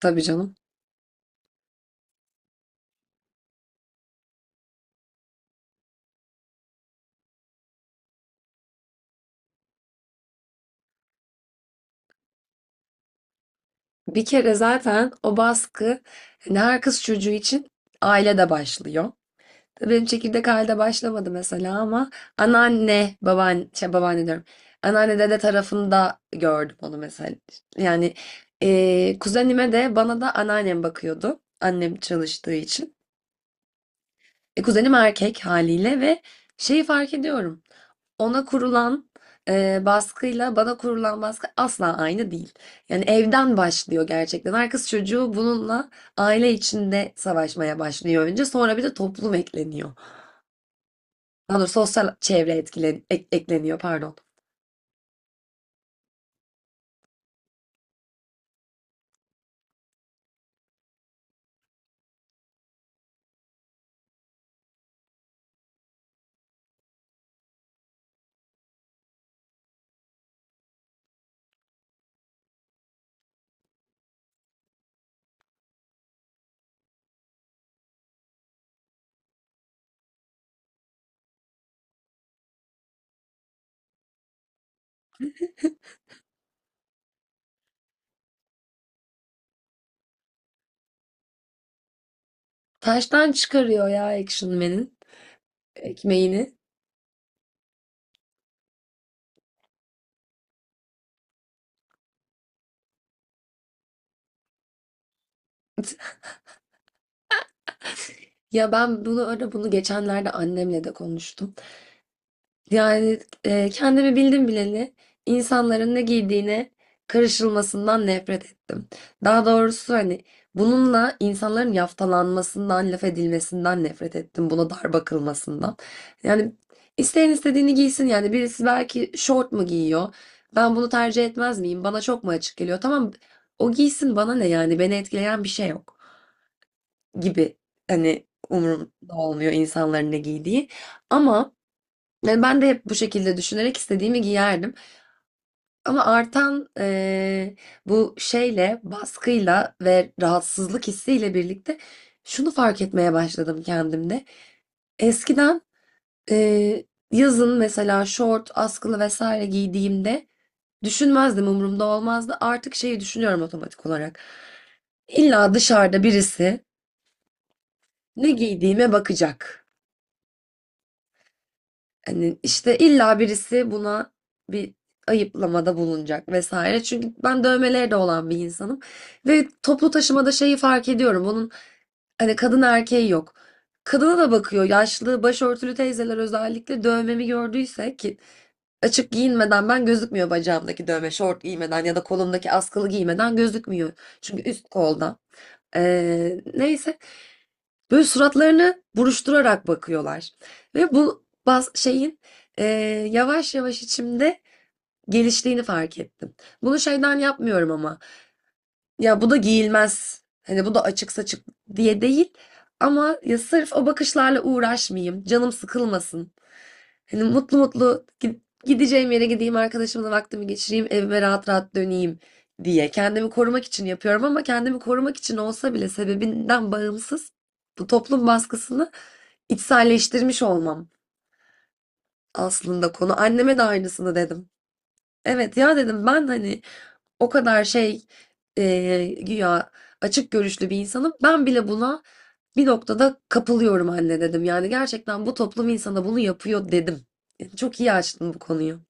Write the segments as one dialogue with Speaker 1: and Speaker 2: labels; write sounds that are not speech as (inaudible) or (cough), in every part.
Speaker 1: Tabii canım. Bir kere zaten o baskı hani her kız çocuğu için ailede başlıyor. Benim çekirdek ailede başlamadı mesela ama anneanne, babaanne, babaanne diyorum. Anneanne dede tarafında gördüm onu mesela. Yani kuzenime de bana da anneannem bakıyordu. Annem çalıştığı için. Kuzenim erkek haliyle ve şeyi fark ediyorum. Ona kurulan baskıyla bana kurulan baskı asla aynı değil. Yani evden başlıyor gerçekten. Her kız çocuğu bununla aile içinde savaşmaya başlıyor önce. Sonra bir de toplum ekleniyor. Daha doğrusu sosyal çevre ekleniyor pardon. Taştan çıkarıyor ya Action Man'in ekmeğini. (laughs) Ya ben bunu geçenlerde annemle de konuştum. Yani kendimi bildim bileli insanların ne giydiğine karışılmasından nefret ettim. Daha doğrusu hani bununla insanların yaftalanmasından, laf edilmesinden nefret ettim. Buna dar bakılmasından. Yani isteyen istediğini giysin. Yani birisi belki şort mu giyiyor? Ben bunu tercih etmez miyim? Bana çok mu açık geliyor? Tamam o giysin bana ne yani? Beni etkileyen bir şey yok gibi. Hani umurumda olmuyor insanların ne giydiği. Ama yani ben de hep bu şekilde düşünerek istediğimi giyerdim. Ama artan baskıyla ve rahatsızlık hissiyle birlikte şunu fark etmeye başladım kendimde. Eskiden eee, yazın mesela şort, askılı vesaire giydiğimde düşünmezdim, umurumda olmazdı. Artık şeyi düşünüyorum otomatik olarak. İlla dışarıda birisi ne giydiğime bakacak. Hani işte illa birisi buna bir ayıplamada bulunacak vesaire. Çünkü ben dövmeleri de olan bir insanım. Ve toplu taşımada şeyi fark ediyorum. Bunun hani kadın erkeği yok. Kadına da bakıyor. Yaşlı başörtülü teyzeler özellikle dövmemi gördüyse ki açık giyinmeden ben gözükmüyor bacağımdaki dövme. Şort giymeden ya da kolumdaki askılı giymeden gözükmüyor. Çünkü üst kolda. Neyse. Böyle suratlarını buruşturarak bakıyorlar. Ve bu baz şeyin e, yavaş yavaş içimde geliştiğini fark ettim. Bunu şeyden yapmıyorum ama. Ya bu da giyilmez. Hani bu da açık saçık diye değil. Ama ya sırf o bakışlarla uğraşmayayım. Canım sıkılmasın. Hani mutlu mutlu gideceğim yere gideyim, arkadaşımla vaktimi geçireyim, evime rahat rahat döneyim diye. Kendimi korumak için yapıyorum ama kendimi korumak için olsa bile sebebinden bağımsız bu toplum baskısını içselleştirmiş olmam aslında konu. Anneme de aynısını dedim. Evet ya dedim ben hani o kadar şey güya açık görüşlü bir insanım. Ben bile buna bir noktada kapılıyorum anne dedim. Yani gerçekten bu toplum insana bunu yapıyor dedim. Yani çok iyi açtın bu konuyu.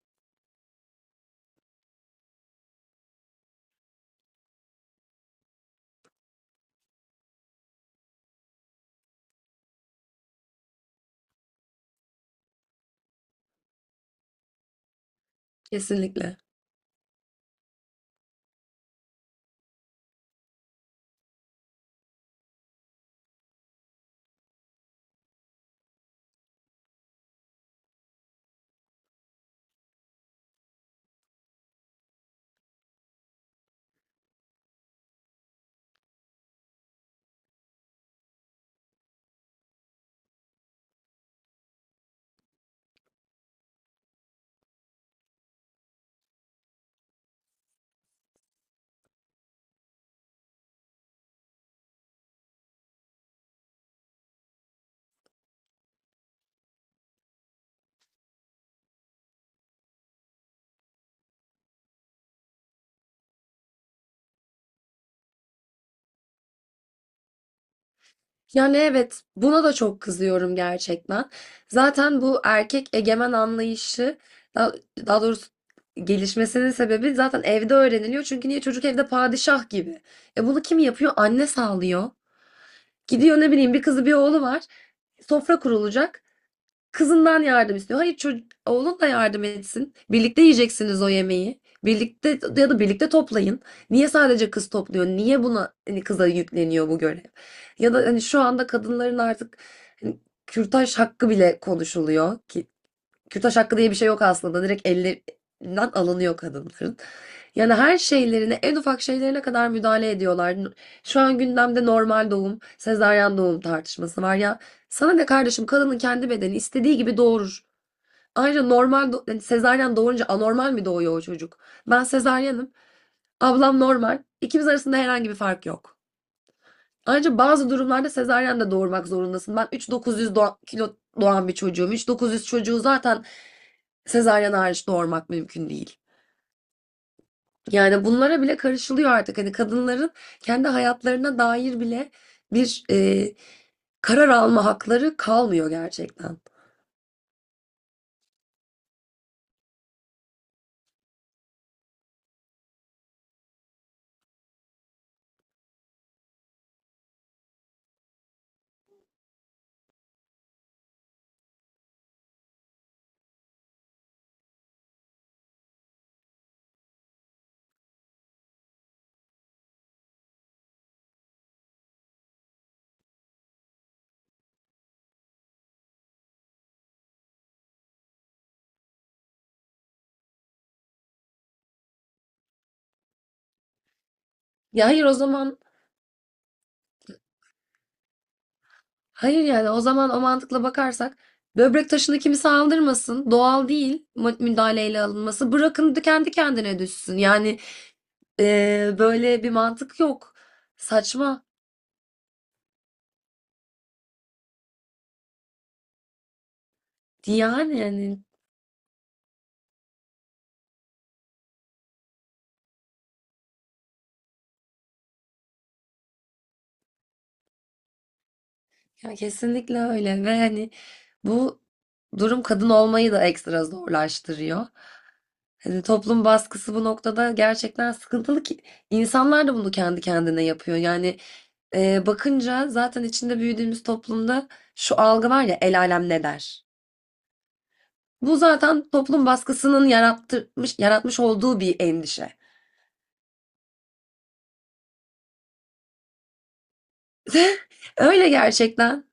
Speaker 1: Kesinlikle. Yani evet buna da çok kızıyorum gerçekten. Zaten bu erkek egemen anlayışı daha, daha doğrusu gelişmesinin sebebi zaten evde öğreniliyor. Çünkü niye çocuk evde padişah gibi. E bunu kim yapıyor? Anne sağlıyor. Gidiyor ne bileyim bir kızı bir oğlu var. Sofra kurulacak. Kızından yardım istiyor. Hayır çocuk, oğlun da yardım etsin. Birlikte yiyeceksiniz o yemeği. Birlikte ya da birlikte toplayın. Niye sadece kız topluyor? Niye buna hani kıza yükleniyor bu görev? Ya da hani şu anda kadınların artık hani kürtaj hakkı bile konuşuluyor ki kürtaj hakkı diye bir şey yok aslında. Direkt ellerinden alınıyor kadınların. Yani her şeylerine, en ufak şeylerine kadar müdahale ediyorlar. Şu an gündemde normal doğum, sezaryen doğum tartışması var ya. Sana ne kardeşim kadının kendi bedeni istediği gibi doğurur. Ayrıca normal do yani sezaryen doğurunca anormal mi doğuyor o çocuk? Ben sezaryenim. Ablam normal. İkimiz arasında herhangi bir fark yok. Ayrıca bazı durumlarda sezaryen de doğurmak zorundasın. Ben 3.900 kilo doğan bir çocuğum. 3.900 çocuğu zaten sezaryen hariç doğurmak mümkün değil. Yani bunlara bile karışılıyor artık. Hani kadınların kendi hayatlarına dair bile bir karar alma hakları kalmıyor gerçekten. Ya hayır o zaman hayır yani o zaman o mantıkla bakarsak böbrek taşını kimse aldırmasın. Doğal değil müdahaleyle alınması. Bırakın da kendi kendine düşsün. Yani böyle bir mantık yok. Saçma. Yani, ya kesinlikle öyle ve hani bu durum kadın olmayı da ekstra zorlaştırıyor. Hani toplum baskısı bu noktada gerçekten sıkıntılı ki insanlar da bunu kendi kendine yapıyor. Yani bakınca zaten içinde büyüdüğümüz toplumda şu algı var ya el alem ne der? Bu zaten toplum baskısının yaratmış olduğu bir endişe. (laughs) Öyle gerçekten.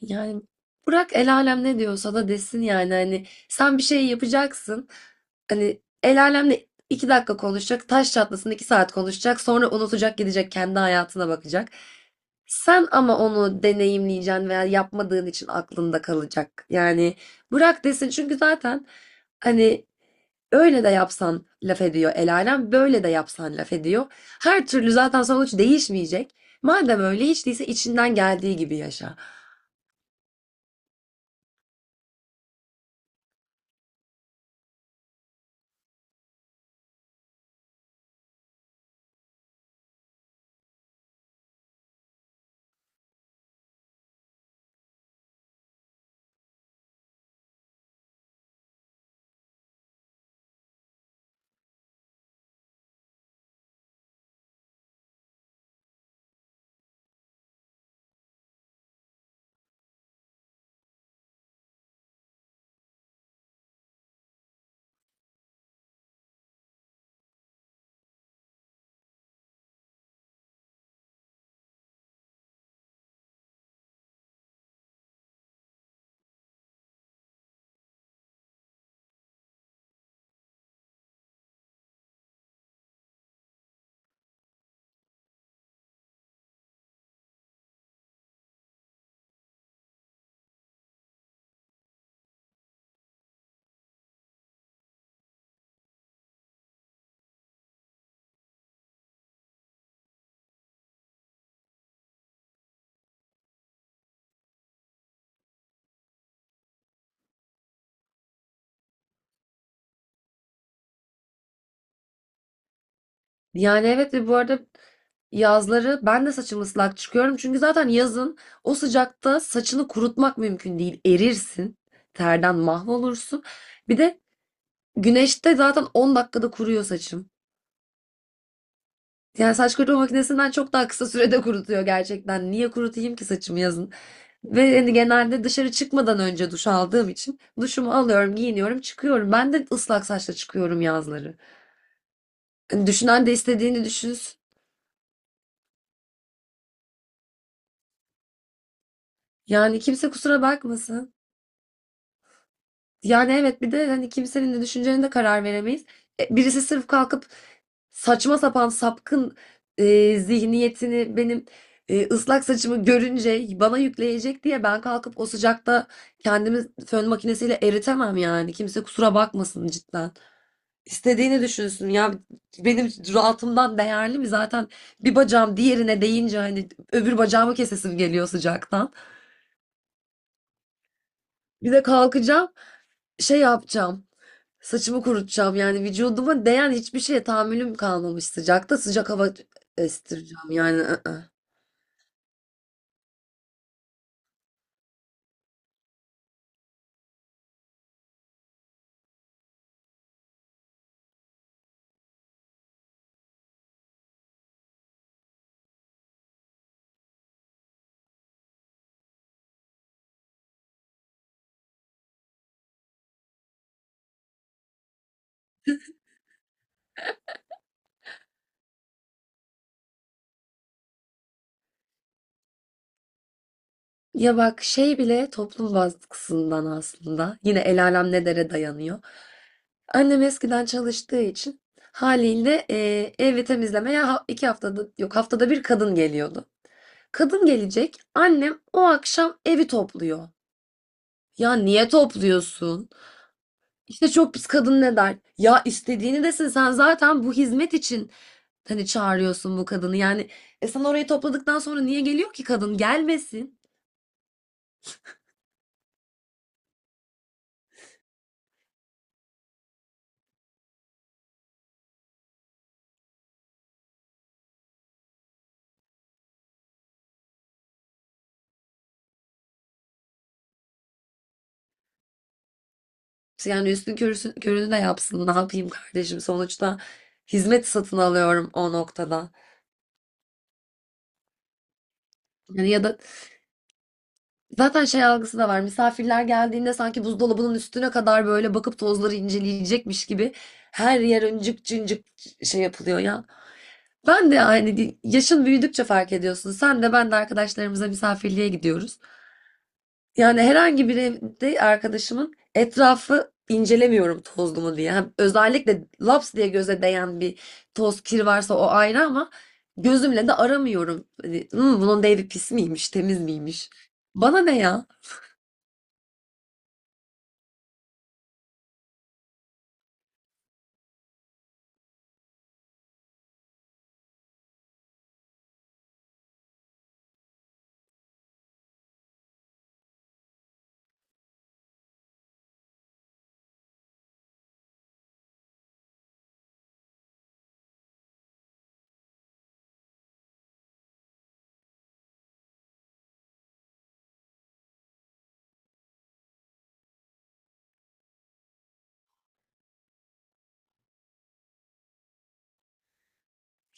Speaker 1: Yani bırak el alem ne diyorsa da desin yani hani sen bir şey yapacaksın. Hani el alemle 2 dakika konuşacak, taş çatlasın 2 saat konuşacak, sonra unutacak gidecek kendi hayatına bakacak. Sen ama onu deneyimleyeceksin veya yapmadığın için aklında kalacak. Yani bırak desin çünkü zaten hani öyle de yapsan laf ediyor el alem, böyle de yapsan laf ediyor. Her türlü zaten sonuç değişmeyecek. Madem öyle hiç değilse içinden geldiği gibi yaşa. Yani evet ve bu arada yazları ben de saçım ıslak çıkıyorum. Çünkü zaten yazın o sıcakta saçını kurutmak mümkün değil. Erirsin. Terden mahvolursun. Bir de güneşte zaten 10 dakikada kuruyor saçım. Yani saç kurutma makinesinden çok daha kısa sürede kurutuyor gerçekten. Niye kurutayım ki saçımı yazın? Ve hani genelde dışarı çıkmadan önce duş aldığım için duşumu alıyorum, giyiniyorum, çıkıyorum. Ben de ıslak saçla çıkıyorum yazları. Hani, düşünen de istediğini düşünsün. Yani kimse kusura bakmasın. Yani evet bir de hani kimsenin de düşüncelerine de karar veremeyiz. Birisi sırf kalkıp saçma sapan sapkın zihniyetini benim ıslak saçımı görünce bana yükleyecek diye ben kalkıp o sıcakta kendimi fön makinesiyle eritemem yani. Kimse kusura bakmasın cidden. İstediğini düşünsün ya benim rahatımdan değerli mi zaten bir bacağım diğerine değince hani öbür bacağımı kesesim geliyor sıcaktan. Bir de kalkacağım. Şey yapacağım. Saçımı kurutacağım yani vücuduma değen hiçbir şeye tahammülüm kalmamış sıcakta sıcak hava estireceğim yani. I-ı. Ya bak şey bile toplum baskısından aslında yine el alem ne dere dayanıyor. Annem eskiden çalıştığı için haliyle evi temizlemeye 2 haftada yok haftada bir kadın geliyordu. Kadın gelecek annem o akşam evi topluyor. Ya niye topluyorsun? İşte çok pis kadın ne der? Ya istediğini desin sen zaten bu hizmet için hani çağırıyorsun bu kadını. Yani e sen orayı topladıktan sonra niye geliyor ki kadın? Gelmesin. Yani körünü de yapsın. Ne yapayım kardeşim? Sonuçta hizmet satın alıyorum o noktada. Yani ya da zaten şey algısı da var. Misafirler geldiğinde sanki buzdolabının üstüne kadar böyle bakıp tozları inceleyecekmiş gibi her yer öncük cıncık şey yapılıyor ya. Ben de yani yaşın büyüdükçe fark ediyorsun. Sen de ben de arkadaşlarımıza misafirliğe gidiyoruz. Yani herhangi bir evde arkadaşımın etrafı incelemiyorum tozlu mu diye. Hem özellikle laps diye göze değen bir toz kir varsa o ayrı ama gözümle de aramıyorum. Hani, "Hmm, bunun da evi pis miymiş, temiz miymiş? Bana ne ya?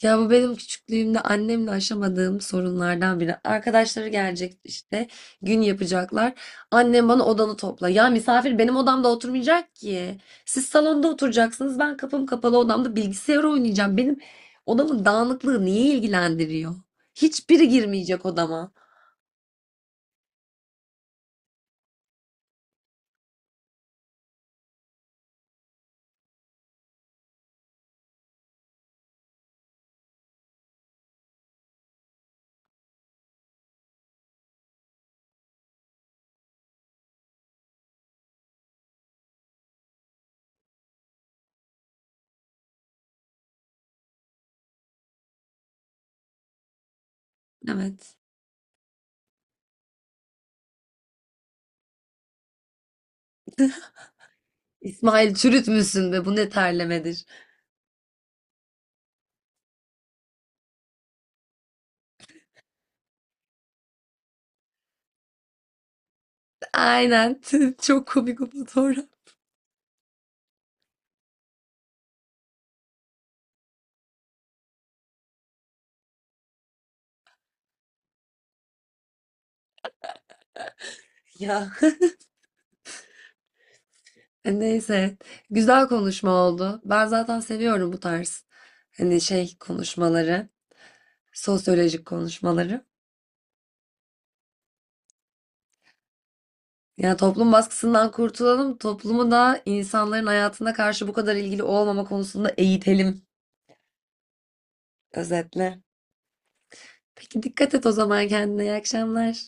Speaker 1: Ya bu benim küçüklüğümde annemle aşamadığım sorunlardan biri. Arkadaşları gelecek işte gün yapacaklar. Annem bana odanı topla. Ya misafir benim odamda oturmayacak ki. Siz salonda oturacaksınız. Ben kapım kapalı odamda bilgisayar oynayacağım. Benim odamın dağınıklığı niye ilgilendiriyor? Hiçbiri girmeyecek odama. Evet. İsmail çürütmüşsün be bu ne terlemedir. Aynen. (laughs) Çok komik o fotoğraf. Ya. Neyse, güzel konuşma oldu. Ben zaten seviyorum bu tarz hani şey konuşmaları, sosyolojik konuşmaları. Yani toplum baskısından kurtulalım, toplumu da insanların hayatına karşı bu kadar ilgili olmama konusunda eğitelim özetle. Peki dikkat et o zaman kendine. İyi akşamlar.